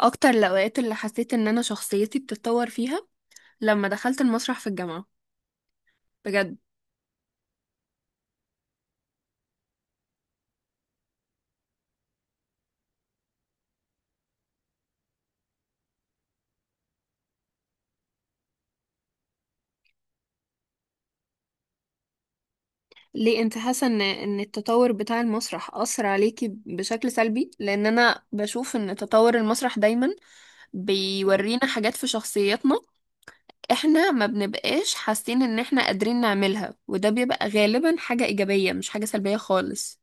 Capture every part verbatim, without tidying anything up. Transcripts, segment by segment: اكتر الاوقات اللي حسيت ان انا شخصيتي بتتطور فيها لما دخلت المسرح في الجامعة، بجد. ليه انت حاسة ان ان التطور بتاع المسرح اثر عليكي بشكل سلبي؟ لان انا بشوف ان تطور المسرح دايما بيورينا حاجات في شخصياتنا. احنا ما بنبقاش حاسين ان احنا قادرين نعملها، وده بيبقى غالبا حاجة ايجابية، مش حاجة سلبية خالص.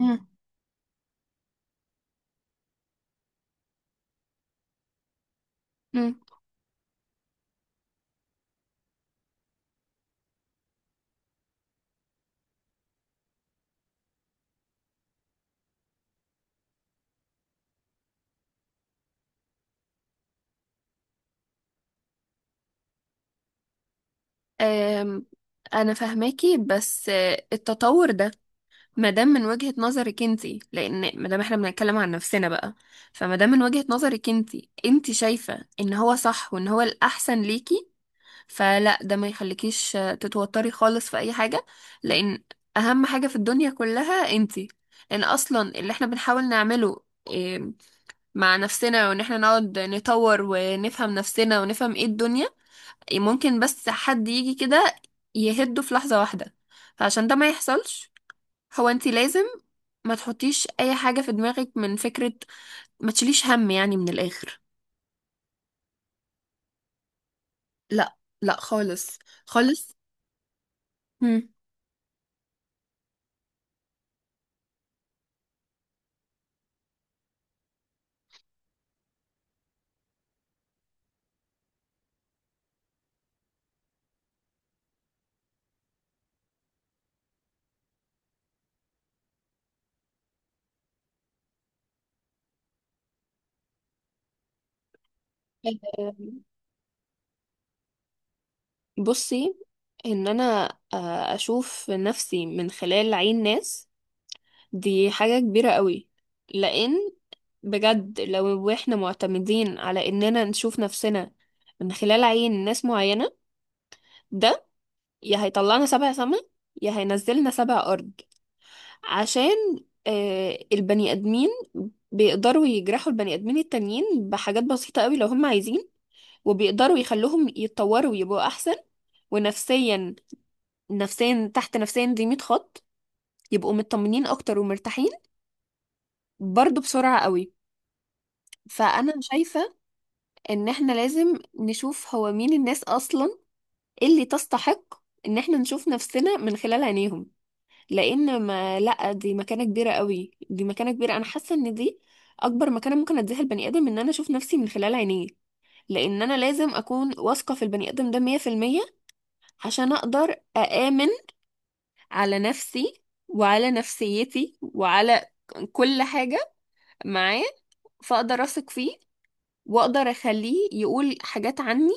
مم. مم. أم، انا فاهماكي، بس آه، التطور ده ما دام من وجهة نظرك انتي، لان ما دام احنا بنتكلم عن نفسنا بقى، فما دام من وجهة نظرك انتي، انتي شايفة ان هو صح وان هو الاحسن ليكي، فلا، ده ما يخليكيش آه، تتوتري خالص في اي حاجة. لان اهم حاجة في الدنيا كلها انتي. لان اصلا اللي احنا بنحاول نعمله آه، مع نفسنا، وان احنا نقعد نطور ونفهم نفسنا ونفهم ايه الدنيا، آه، ممكن بس حد يجي كده يهده في لحظة واحدة. فعشان ده ما يحصلش، هو انتي لازم ما تحطيش اي حاجة في دماغك من فكرة، ما تشيليش هم يعني، من الاخر. لا، لا، خالص، خالص. مم. بصي، ان انا آه، اشوف نفسي من خلال عين ناس، دي حاجة كبيرة قوي. لان بجد، لو احنا معتمدين على اننا نشوف نفسنا من خلال عين ناس معينة، ده يا هيطلعنا سبع سما، يا هينزلنا سبع ارض. عشان آه، البني ادمين بيقدروا يجرحوا البني ادمين التانيين بحاجات بسيطة قوي لو هم عايزين، وبيقدروا يخلوهم يتطوروا ويبقوا احسن، ونفسيا، نفسيا تحت نفسيا دي مية خط، يبقوا مطمنين اكتر ومرتاحين، برضو بسرعة قوي. فانا شايفة ان احنا لازم نشوف هو مين الناس اصلا اللي تستحق ان احنا نشوف نفسنا من خلال عينيهم، لان ما لا، دي مكانه كبيره قوي، دي مكانه كبيره، انا حاسه ان دي اكبر مكانه ممكن اديها البني ادم، ان انا اشوف نفسي من خلال عينيه. لان انا لازم اكون واثقه في البني ادم ده مية في المية، عشان اقدر اامن على نفسي، وعلى نفسيتي، وعلى كل حاجه معاه. فاقدر اثق فيه، واقدر اخليه يقول حاجات عني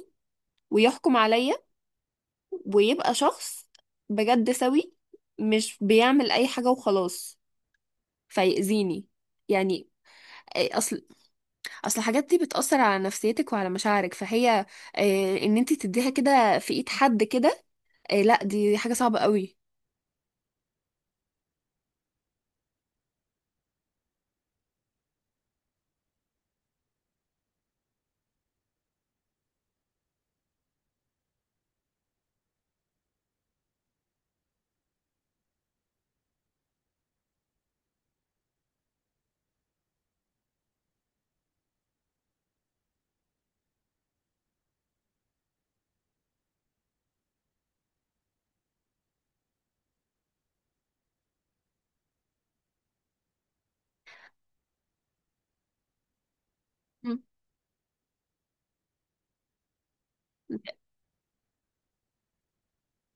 ويحكم عليا، ويبقى شخص بجد سوي، مش بيعمل اي حاجه وخلاص فيأذيني، يعني. إيه، اصل اصل الحاجات دي بتأثر على نفسيتك وعلى مشاعرك، فهي إيه، ان انت تديها كده في ايد حد كده، إيه، لا، دي حاجة صعبة قوي. مم.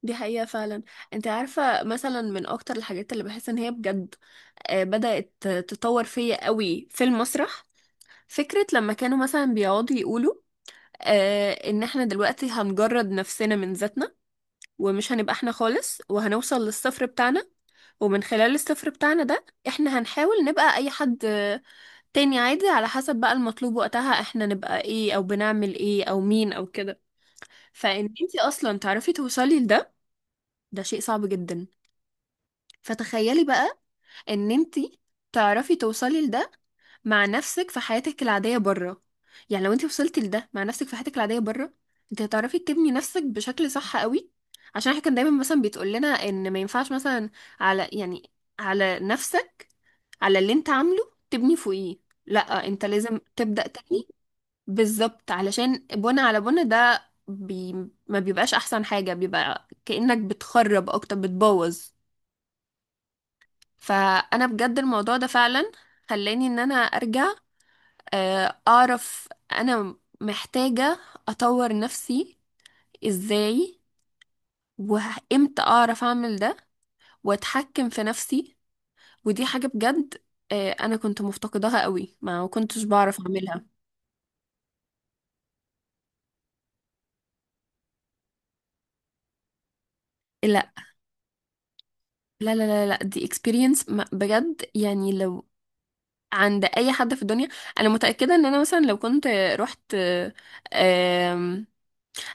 دي حقيقة فعلا. انت عارفة، مثلا من اكتر الحاجات اللي بحس ان هي بجد آه، بدأت تطور فيا قوي في المسرح، فكرة لما كانوا مثلا بيقعدوا يقولوا آه، ان احنا دلوقتي هنجرد نفسنا من ذاتنا، ومش هنبقى احنا خالص، وهنوصل للصفر بتاعنا، ومن خلال الصفر بتاعنا ده احنا هنحاول نبقى اي حد تاني عادي، على حسب بقى المطلوب وقتها احنا نبقى ايه، او بنعمل ايه، او مين، او كده. فان انتي اصلا تعرفي توصلي لده، ده شيء صعب جدا. فتخيلي بقى ان انتي تعرفي توصلي لده مع نفسك في حياتك العادية بره. يعني لو انتي وصلتي لده مع نفسك في حياتك العادية بره، انت هتعرفي تبني نفسك بشكل صح قوي. عشان احنا كان دايما مثلا بيتقول لنا ان ما ينفعش مثلا على، يعني على نفسك، على اللي انت عامله تبني فوقيه، لا انت لازم تبدأ تاني. بالظبط، علشان بنى على بنى ده بي... ما بيبقاش احسن حاجة، بيبقى كأنك بتخرب اكتر، بتبوظ. فانا بجد الموضوع ده فعلا خلاني ان انا ارجع آه، اعرف انا محتاجة اطور نفسي ازاي، وامتى اعرف اعمل ده، واتحكم في نفسي. ودي حاجة بجد آه، انا كنت مفتقداها قوي، ما كنتش بعرف اعملها. لا، لا، لا، لا، لا، دي experience ما- بجد، يعني لو عند اي حد في الدنيا، انا متاكده ان انا، مثلا لو كنت رحت آم،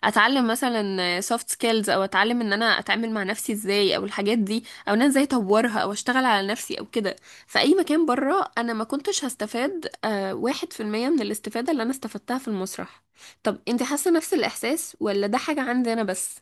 اتعلم مثلا سوفت سكيلز، او اتعلم ان انا اتعامل مع نفسي ازاي، او الحاجات دي، او ان انا ازاي اطورها، او اشتغل على نفسي، او كده، في اي مكان بره، انا ما كنتش هستفاد آه، واحد في المية من الاستفاده اللي انا استفدتها في المسرح. طب، انت حاسه نفس الاحساس، ولا ده حاجه عندي انا بس؟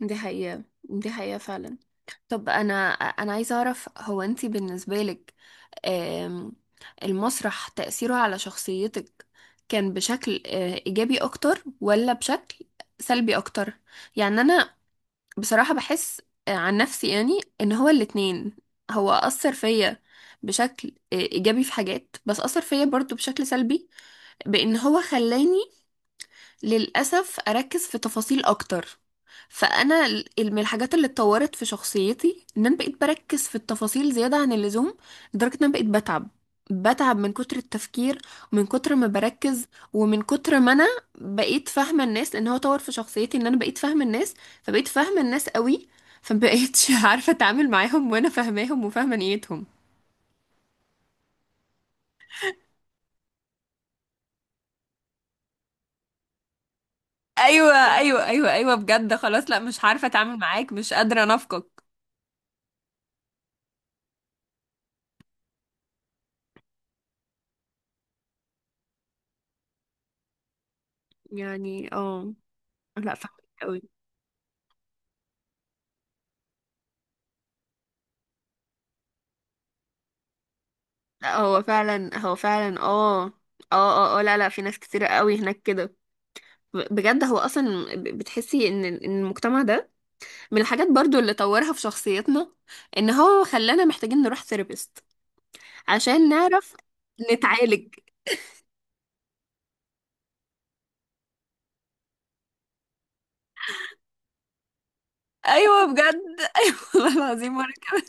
دي حقيقه، دي حقيقه فعلا. طب، انا انا عايزه اعرف، هو انتي بالنسبه لك آم، المسرح تأثيره على شخصيتك كان بشكل آه، ايجابي اكتر، ولا بشكل سلبي اكتر؟ يعني انا بصراحه بحس آه، عن نفسي، يعني ان هو الاتنين. هو اثر فيا بشكل آه، ايجابي في حاجات، بس اثر فيا برضو بشكل سلبي، بان هو خلاني للأسف أركز في تفاصيل أكتر. فأنا ال- من الحاجات اللي اتطورت في شخصيتي إن أنا بقيت بركز في التفاصيل زيادة عن اللزوم، لدرجة إن أنا بقيت بتعب، بتعب من كتر التفكير، ومن كتر ما بركز، ومن كتر ما أنا بقيت فاهمة الناس. لأن هو طور في شخصيتي إن أنا بقيت فاهمة الناس، فبقيت فاهمة الناس قوي، فمبقيتش عارفة أتعامل معاهم وأنا فاهماهم وفاهمة نيتهم. ايوه، ايوه، ايوه، ايوه، بجد خلاص، لا، مش عارفه اتعامل معاك، مش قادره انافقك. يعني اه، لا، فاهمك قوي. لا، هو فعلا، هو فعلا، اه، اه، اه، اه، لا، لا، في ناس كتيرة قوي هناك كده. ب- بجد هو اصلا، ب- بتحسي ان إن المجتمع ده من الحاجات برضو اللي طورها في شخصيتنا، ان هو خلانا محتاجين نروح ثيرابيست عشان نعرف نتعالج. ايوه، بجد، ايوه والله العظيم، وانا كمان.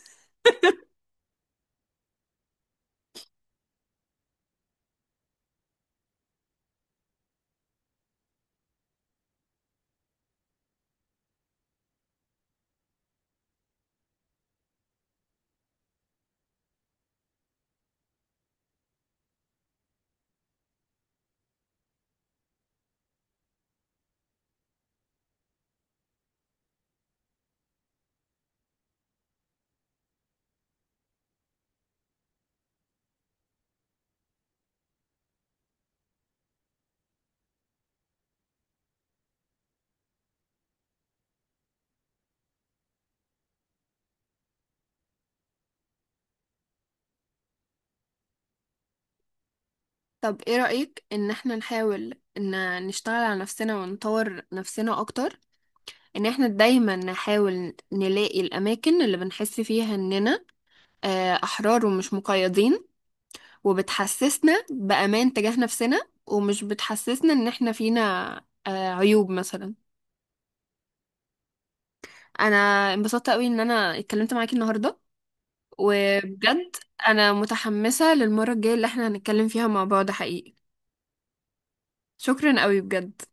طب ايه رأيك ان احنا نحاول ان نشتغل على نفسنا ونطور نفسنا اكتر، ان احنا دايما نحاول نلاقي الاماكن اللي بنحس فيها اننا آه، أحرار ومش مقيدين، وبتحسسنا بأمان تجاه نفسنا، ومش بتحسسنا إن إحنا فينا آه، عيوب مثلا؟ أنا انبسطت قوي إن أنا اتكلمت معاكي النهاردة، وبجد أنا متحمسة للمرة الجاية اللي إحنا هنتكلم فيها مع بعض حقيقي. شكرا قوي، بجد.